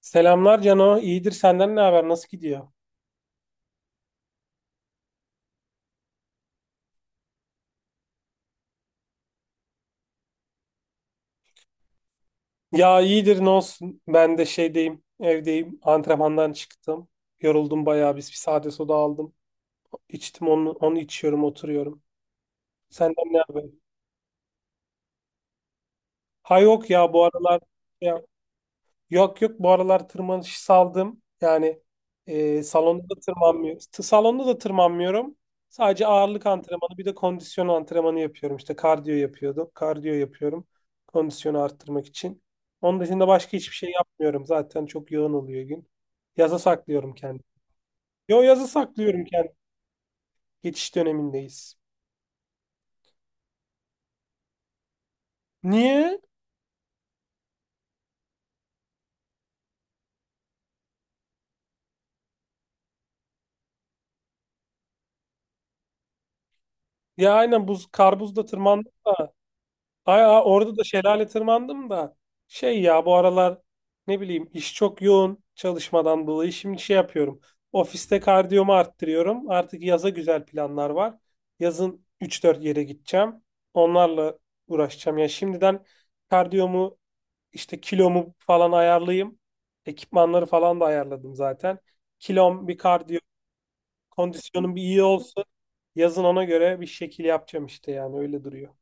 Selamlar Cano. İyidir, senden ne haber? Nasıl gidiyor? Ya iyidir, ne olsun. Ben de şeydeyim, evdeyim. Antrenmandan çıktım. Yoruldum bayağı. Biz bir sade soda aldım. İçtim onu, içiyorum, oturuyorum. Senden ne haber? Ha yok ya, bu aralar şey yok yok, bu aralar tırmanışı saldım. Yani salonda da tırmanmıyorum. Salonda da tırmanmıyorum. Sadece ağırlık antrenmanı, bir de kondisyon antrenmanı yapıyorum. İşte kardiyo yapıyordum. Kardiyo yapıyorum. Kondisyonu arttırmak için. Onun dışında başka hiçbir şey yapmıyorum. Zaten çok yoğun oluyor gün. Yaza saklıyorum kendimi. Yo, yazı saklıyorum kendimi. Geçiş dönemindeyiz. Niye? Ya aynen, buz kar buzda tırmandım da. Ay, ay, orada da şelale tırmandım da ya bu aralar ne bileyim, iş çok yoğun çalışmadan dolayı şimdi şey yapıyorum. Ofiste kardiyomu arttırıyorum. Artık yaza güzel planlar var. Yazın üç dört yere gideceğim. Onlarla uğraşacağım. Ya şimdiden kardiyomu, işte kilomu falan ayarlayayım. Ekipmanları falan da ayarladım zaten. Kilom bir, kardiyo kondisyonum bir iyi olsun. Yazın ona göre bir şekil yapacağım işte, yani öyle duruyor.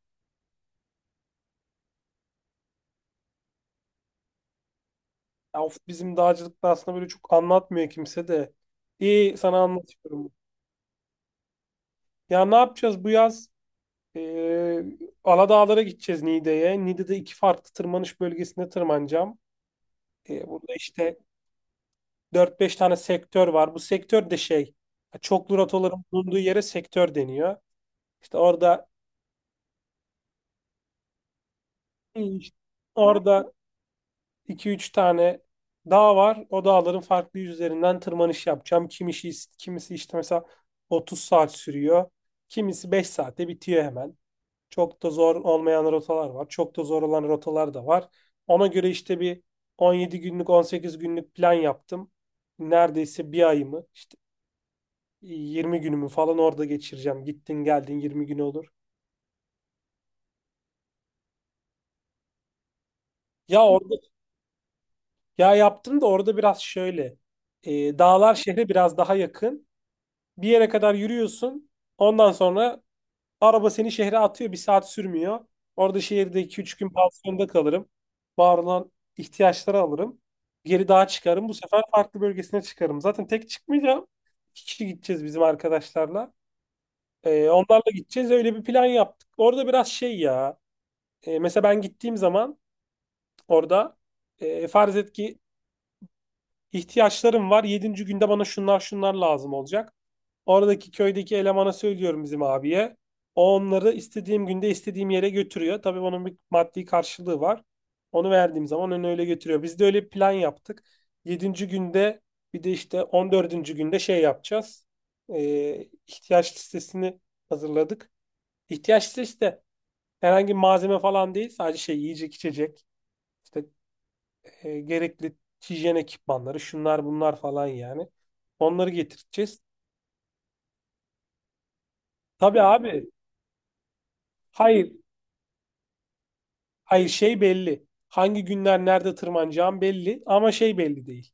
Ya of, bizim dağcılıkta aslında böyle çok anlatmıyor kimse de. İyi, sana anlatıyorum. Ya ne yapacağız bu yaz? Ee, Aladağlara gideceğiz, Niğde'ye. Niğde'de iki farklı tırmanış bölgesinde tırmanacağım. Burada işte dört beş tane sektör var. Bu sektör de şey, çoklu rotaların bulunduğu yere sektör deniyor. İşte orada orada 2 üç tane dağ var. O dağların farklı yüzlerinden tırmanış yapacağım. Kimisi işte mesela 30 saat sürüyor. Kimisi 5 saatte bitiyor hemen. Çok da zor olmayan rotalar var. Çok da zor olan rotalar da var. Ona göre işte bir 17 günlük, 18 günlük plan yaptım. Neredeyse bir ayımı, işte 20 günümü falan orada geçireceğim. Gittin geldin 20 gün olur. Ya orada ya yaptım da orada biraz şöyle. Dağlar şehre biraz daha yakın. Bir yere kadar yürüyorsun. Ondan sonra araba seni şehre atıyor. Bir saat sürmüyor. Orada şehirde iki üç gün pansiyonda kalırım. Var olan ihtiyaçları alırım. Geri dağa çıkarım. Bu sefer farklı bölgesine çıkarım. Zaten tek çıkmayacağım. İki kişi gideceğiz bizim arkadaşlarla. Onlarla gideceğiz. Öyle bir plan yaptık. Orada biraz şey ya. Mesela ben gittiğim zaman orada farz et ki ihtiyaçlarım var. Yedinci günde bana şunlar şunlar lazım olacak. Oradaki köydeki elemana söylüyorum, bizim abiye. O onları istediğim günde istediğim yere götürüyor. Tabii onun bir maddi karşılığı var. Onu verdiğim zaman onu öyle götürüyor. Biz de öyle bir plan yaptık. Yedinci günde, bir de işte 14. günde şey yapacağız. İhtiyaç listesini hazırladık. İhtiyaç listesi de herhangi bir malzeme falan değil. Sadece şey, yiyecek içecek. İşte gerekli hijyen ekipmanları, şunlar bunlar falan yani. Onları getireceğiz. Tabii abi. Hayır. Hayır şey belli. Hangi günler nerede tırmanacağım belli, ama şey belli değil.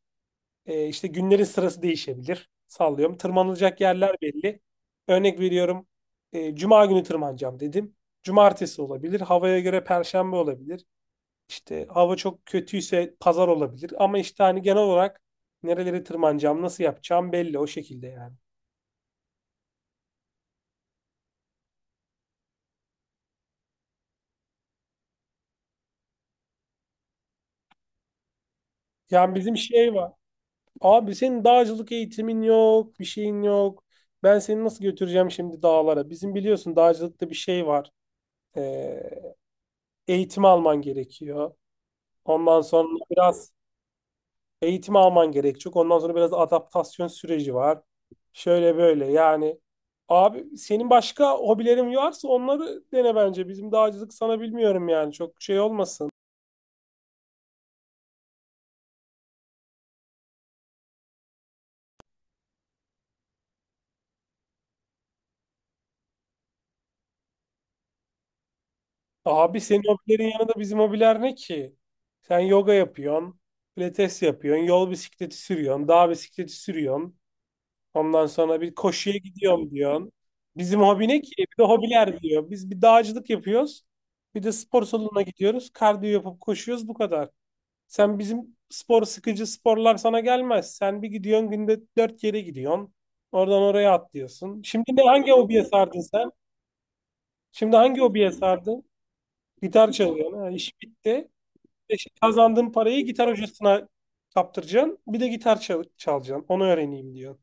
İşte günlerin sırası değişebilir. Sallıyorum. Tırmanılacak yerler belli. Örnek veriyorum. Cuma günü tırmanacağım dedim. Cumartesi olabilir. Havaya göre Perşembe olabilir. İşte hava çok kötüyse Pazar olabilir. Ama işte hani genel olarak nereleri tırmanacağım, nasıl yapacağım belli, o şekilde yani. Yani bizim şey var. Abi senin dağcılık eğitimin yok, bir şeyin yok. Ben seni nasıl götüreceğim şimdi dağlara? Bizim biliyorsun dağcılıkta bir şey var. Ee, eğitim alman gerekiyor. Ondan sonra biraz eğitim alman gerekecek. Ondan sonra biraz adaptasyon süreci var. Şöyle böyle yani. Abi senin başka hobilerin varsa onları dene bence. Bizim dağcılık sana bilmiyorum yani, çok şey olmasın. Abi senin hobilerin yanında bizim hobiler ne ki? Sen yoga yapıyorsun, pilates yapıyorsun, yol bisikleti sürüyorsun, dağ bisikleti sürüyorsun. Ondan sonra bir koşuya gidiyorum diyorsun. Bizim hobi ne ki? Bir de hobiler diyor. Biz bir dağcılık yapıyoruz. Bir de spor salonuna gidiyoruz. Kardiyo yapıp koşuyoruz, bu kadar. Sen bizim spor sıkıcı sporlar sana gelmez. Sen bir gidiyorsun, günde dört yere gidiyorsun. Oradan oraya atlıyorsun. Şimdi ne hangi hobiye sardın sen? Şimdi hangi hobiye sardın? Gitar çalıyorsun. Ha, iş bitti. Beşi kazandığın parayı gitar hocasına kaptıracaksın. Bir de gitar çal çalacaksın. Onu öğreneyim diyor.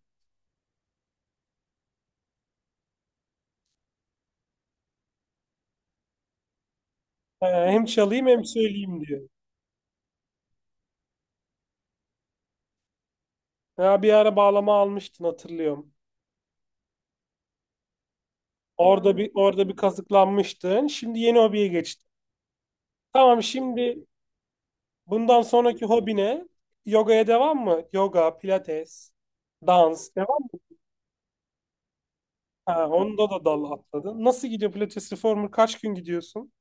Hem çalayım hem söyleyeyim diyor. Ya bir ara bağlama almıştın, hatırlıyorum. Orada bir kazıklanmıştın. Şimdi yeni hobiye geçtin. Tamam, şimdi bundan sonraki hobine yogaya devam mı? Yoga, pilates, dans devam mı? Ha, onda da dal atladın. Nasıl gidiyor pilates reformer? Kaç gün gidiyorsun?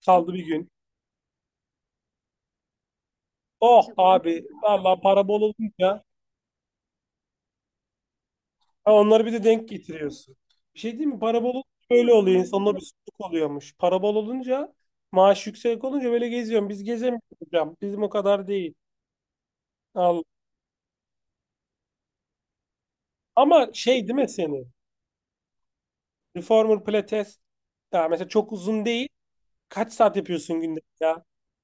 Kaldı bir gün. Oh abi, vallahi, para bol olunca ha, onları bir de denk getiriyorsun. Bir şey değil mi? Para bol olunca böyle oluyor. İnsanlar bir sürük oluyormuş. Para bol olunca, maaş yüksek olunca böyle geziyorum. Biz gezemiyoruz hocam. Bizim o kadar değil. Al. Ama şey değil mi seni? Reformer pilates. Ya mesela çok uzun değil. Kaç saat yapıyorsun günde ya?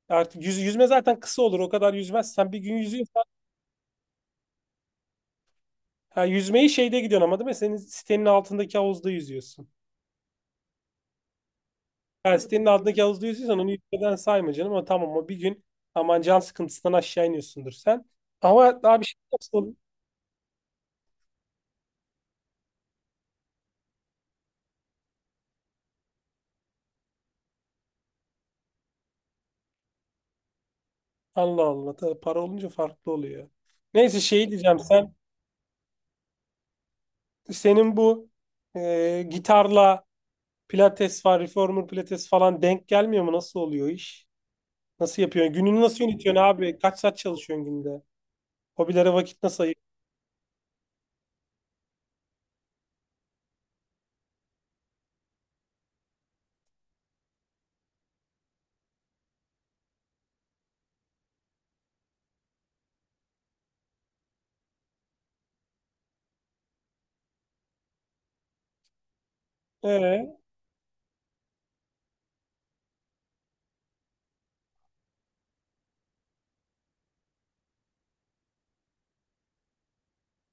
Artık yüz, yüzme zaten kısa olur. O kadar yüzmezsen, bir gün yüzüyorsan. Ha, yüzmeyi şeyde gidiyorsun ama değil mi? Senin sitenin altındaki havuzda yüzüyorsun. Yani sitenin altındaki havuzda yüzüyorsan onu yüzmeden sayma canım. Ama tamam, o bir gün, aman can sıkıntısından aşağı iniyorsundur sen. Ama daha bir şey yapsın. Allah Allah. Tabii para olunca farklı oluyor. Neyse şey diyeceğim, senin bu gitarla pilates var, reformer pilates falan denk gelmiyor mu? Nasıl oluyor iş? Nasıl yapıyorsun? Gününü nasıl yönetiyorsun abi? Kaç saat çalışıyorsun günde? Hobilere vakit nasıl ayırıyorsun? Ee,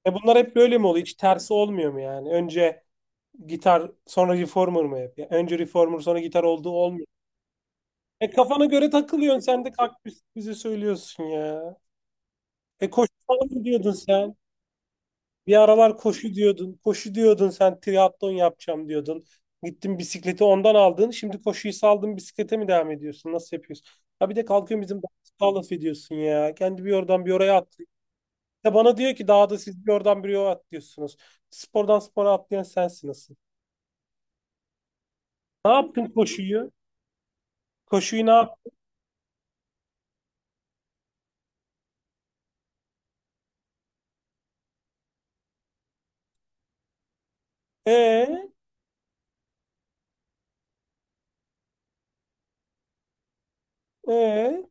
bunlar hep böyle mi oluyor? Hiç tersi olmuyor mu yani? Önce gitar sonra reformer mı hep? Ya önce reformer sonra gitar olduğu olmuyor. E kafana göre takılıyorsun sen de, kaktüs bize söylüyorsun ya. E koşu falan mı diyordun sen? Bir aralar koşu diyordun. Koşu diyordun, sen triatlon yapacağım diyordun. Gittin bisikleti ondan aldın. Şimdi koşuyu saldın, bisiklete mi devam ediyorsun? Nasıl yapıyorsun? Ha, bir de kalkıyorsun bizim dağda laf ediyorsun ya. Kendi bir oradan bir oraya atlıyor. Ya bana diyor ki dağda siz bir oradan bir oraya atlıyorsunuz. Spordan spora atlayan sensin, nasıl? Ne yaptın koşuyu? Koşuyu ne yaptın? E Ee,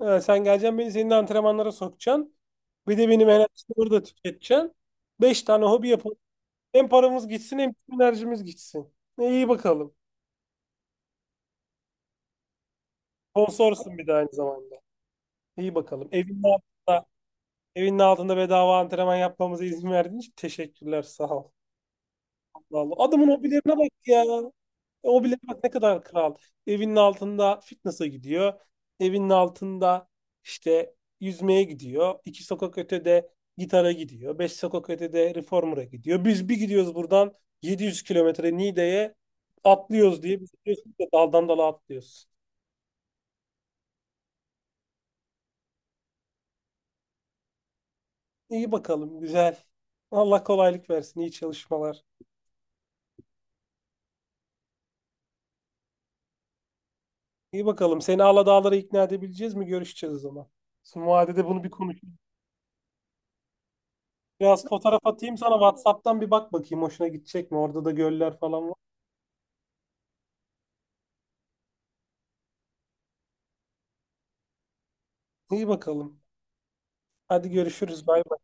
ha, sen geleceksin, beni senin antrenmanlara sokacaksın. Bir de benim enerjimi burada tüketeceksin. Beş tane hobi yapalım. Hem paramız gitsin hem tüm enerjimiz gitsin. İyi bakalım. Sponsorsun bir de aynı zamanda. İyi bakalım. Evinin altında, evinin altında bedava antrenman yapmamıza izin verdiğin için teşekkürler. Sağ ol. Vallahi adamın hobilerine bak ya. O bile bak ne kadar kral. Evinin altında fitness'a gidiyor. Evinin altında işte yüzmeye gidiyor. İki sokak ötede gitara gidiyor. Beş sokak ötede reformer'a gidiyor. Biz bir gidiyoruz buradan 700 kilometre Niğde'ye atlıyoruz diye. Biz diyorsun ki daldan dala atlıyoruz. İyi bakalım güzel. Allah kolaylık versin. İyi çalışmalar. İyi bakalım. Seni Aladağlara ikna edebileceğiz mi? Görüşeceğiz o zaman. Son vadede bunu bir konuş. Biraz fotoğraf atayım sana WhatsApp'tan, bir bak bakayım hoşuna gidecek mi? Orada da göller falan var. İyi bakalım. Hadi görüşürüz. Bay bay.